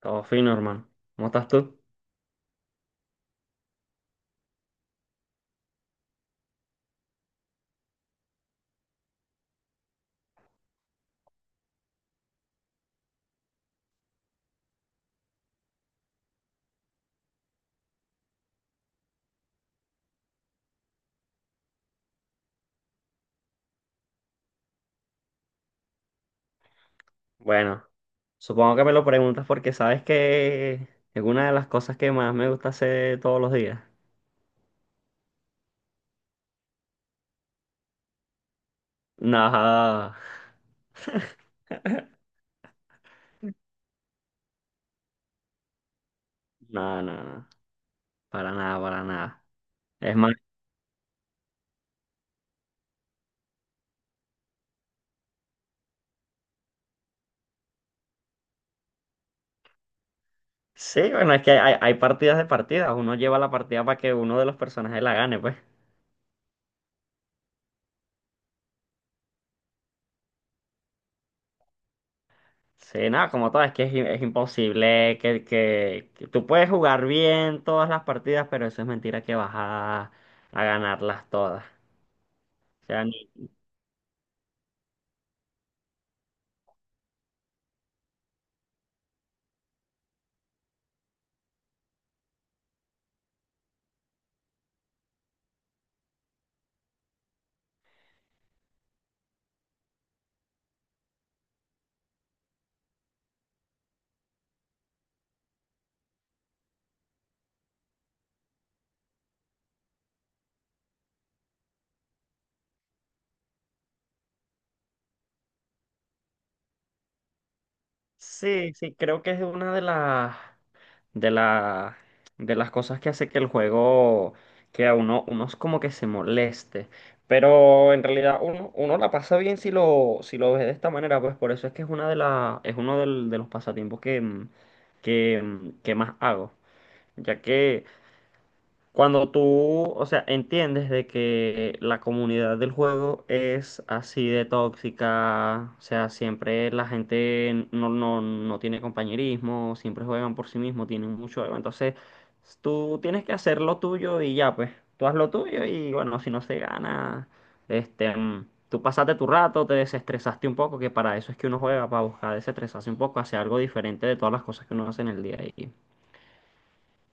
Todo fino, hermano. ¿Cómo estás tú? Bueno, supongo que me lo preguntas porque sabes que es una de las cosas que más me gusta hacer todos los días. No, no, para nada, para nada. Es más, sí, bueno, es que hay partidas de partidas. Uno lleva la partida para que uno de los personajes la gane, pues. Sí, nada, como todo, es que es, es imposible que tú puedes jugar bien todas las partidas, pero eso es mentira que a ganarlas todas. O sea, sí, sí, creo que es una de las. de la, de las cosas que hace que el juego, que a uno, uno es como que se moleste. Pero en realidad uno, uno la pasa bien si lo, si lo ve de esta manera, pues por eso es que es una de la, es uno de los pasatiempos que que más hago. Ya que cuando tú, o sea, entiendes de que la comunidad del juego es así de tóxica, o sea, siempre la gente no tiene compañerismo, siempre juegan por sí mismos, tienen mucho ego, entonces tú tienes que hacer lo tuyo y ya, pues, tú haz lo tuyo y bueno, si no se gana, tú pasaste tu rato, te desestresaste un poco, que para eso es que uno juega, para buscar desestresarse un poco, hacer algo diferente de todas las cosas que uno hace en el día a día.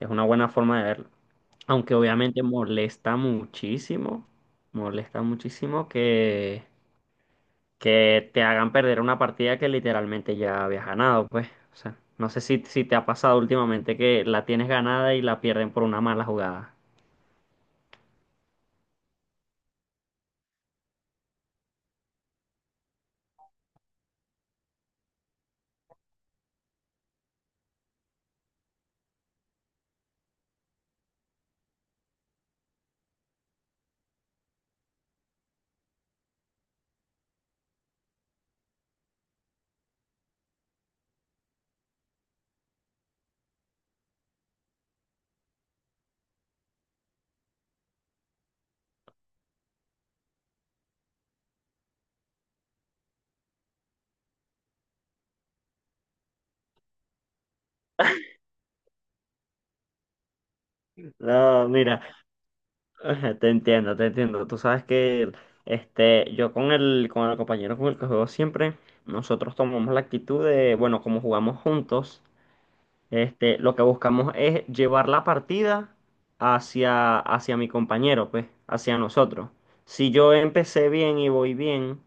Es una buena forma de verlo. Aunque obviamente molesta muchísimo que te hagan perder una partida que literalmente ya habías ganado, pues. O sea, no sé si, si te ha pasado últimamente que la tienes ganada y la pierden por una mala jugada. No, mira, te entiendo, te entiendo. Tú sabes que yo con el compañero con el que juego siempre, nosotros tomamos la actitud de, bueno, como jugamos juntos. Lo que buscamos es llevar la partida hacia, hacia mi compañero, pues, hacia nosotros. Si yo empecé bien y voy bien,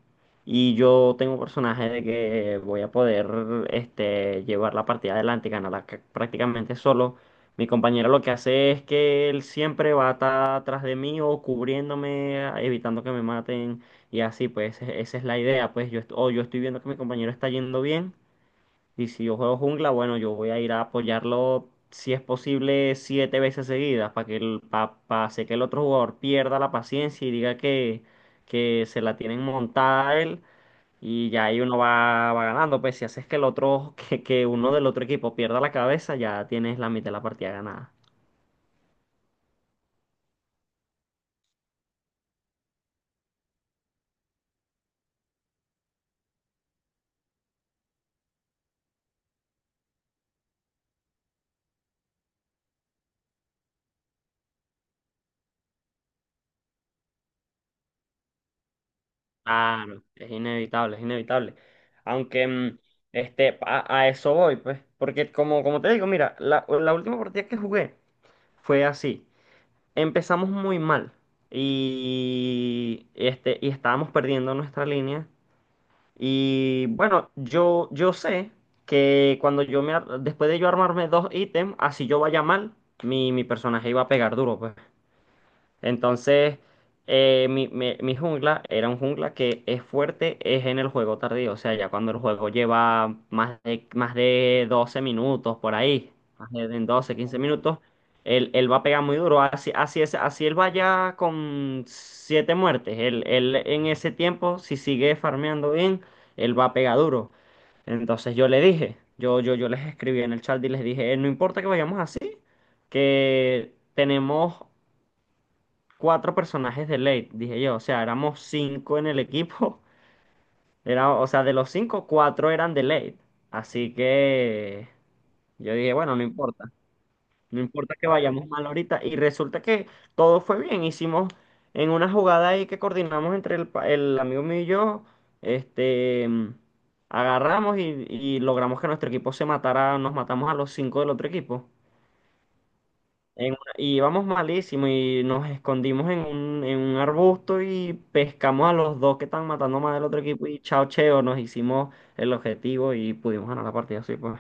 y yo tengo un personaje de que voy a poder llevar la partida adelante y ganarla prácticamente solo, mi compañero lo que hace es que él siempre va a estar atrás de mí o cubriéndome, evitando que me maten, y así, pues, esa es la idea, pues, yo, est- o yo estoy viendo que mi compañero está yendo bien. Y si yo juego jungla, bueno, yo voy a ir a apoyarlo si es posible 7 veces seguidas para que el, pa, pa hacer que el otro jugador pierda la paciencia y diga que se la tienen montada a él y ya ahí uno va, va ganando. Pues si haces que el otro, que uno del otro equipo pierda la cabeza, ya tienes la mitad de la partida ganada. Claro, es inevitable, es inevitable. Aunque a eso voy, pues, porque como, como te digo, mira, la última partida que jugué fue así. Empezamos muy mal y y estábamos perdiendo nuestra línea. Y bueno, yo sé que cuando yo después de yo armarme dos ítems, así yo vaya mal, mi personaje iba a pegar duro, pues. Entonces, mi, mi jungla era un jungla que es fuerte, es en el juego tardío, o sea, ya cuando el juego lleva más de 12 minutos por ahí, más de en 12, 15 minutos, él va a pegar muy duro, así, así, es, así él vaya con 7 muertes, él, él en ese tiempo, si sigue farmeando bien, él va a pegar duro. Entonces yo le dije, yo les escribí en el chat y les dije, No importa que vayamos así, que tenemos cuatro personajes de late", dije yo. O sea, éramos cinco en el equipo. Era, o sea, de los cinco, cuatro eran de late. Así que yo dije, bueno, no importa. No importa que vayamos mal ahorita. Y resulta que todo fue bien. Hicimos en una jugada ahí que coordinamos entre el amigo mío y yo. Este, mm, agarramos y logramos que nuestro equipo se matara. Nos matamos a los cinco del otro equipo. En una- y Íbamos malísimo y nos escondimos en un arbusto y pescamos a los dos que estaban matando más del otro equipo y chao cheo, nos hicimos el objetivo y pudimos ganar la partida así, pues.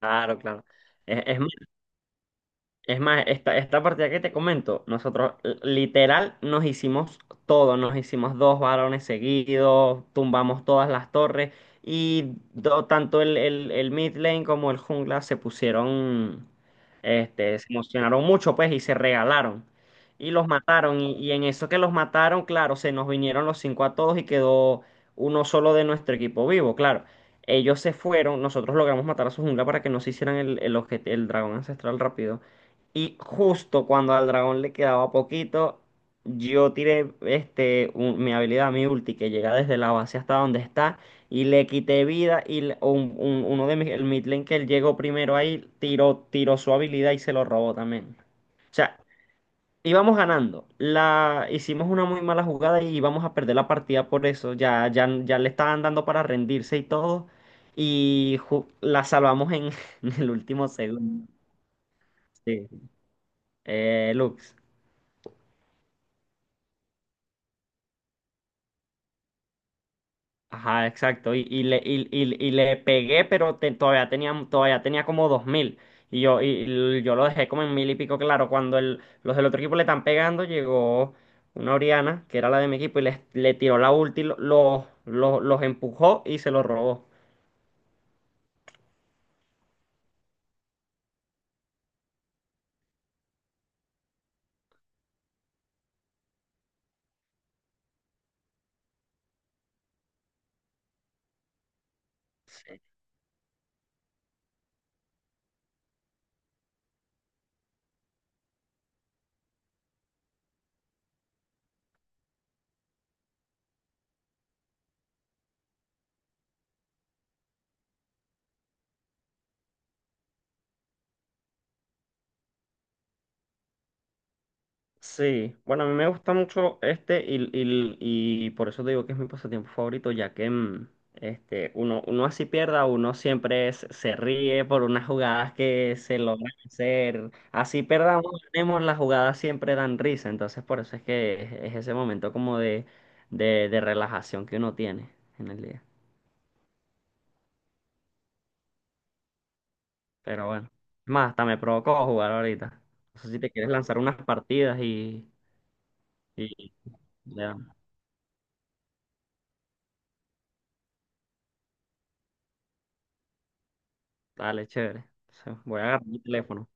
Claro, claro. Es, es Es más, esta partida que te comento, nosotros literal nos hicimos todo, nos hicimos dos varones seguidos, tumbamos todas las torres y tanto el mid lane como el jungla se pusieron, se emocionaron mucho pues y se regalaron y los mataron y en eso que los mataron, claro, se nos vinieron los cinco a todos y quedó uno solo de nuestro equipo vivo, claro. Ellos se fueron, nosotros logramos matar a su jungla para que no se hicieran el, el dragón ancestral rápido. Y justo cuando al dragón le quedaba poquito, yo tiré mi habilidad, mi ulti, que llega desde la base hasta donde está, y le quité vida. Uno de mis, el mid lane que él llegó primero ahí, tiró, tiró su habilidad y se lo robó también. O sea, íbamos ganando. Hicimos una muy mala jugada y íbamos a perder la partida por eso. Ya le estaban dando para rendirse y todo. Y la salvamos en, en el último segundo. Sí, Lux. Ajá, exacto. Y le pegué, pero todavía tenía como 2000. Y y yo lo dejé como en mil y pico, claro. Cuando el, los del otro equipo le están pegando, llegó una Oriana, que era la de mi equipo, y les, le tiró la ulti, los empujó y se los robó. Sí, bueno, a mí me gusta mucho este y por eso te digo que es mi pasatiempo favorito, ya que uno, uno así pierda, uno siempre se se ríe por unas jugadas que se logran hacer. Así perdamos, tenemos las jugadas siempre dan risa, entonces por eso es que es ese momento como de relajación que uno tiene en el día. Pero bueno, es más, hasta me provocó jugar ahorita. No sé si te quieres lanzar unas partidas y le damos. Dale, chévere. Entonces, voy a agarrar mi teléfono.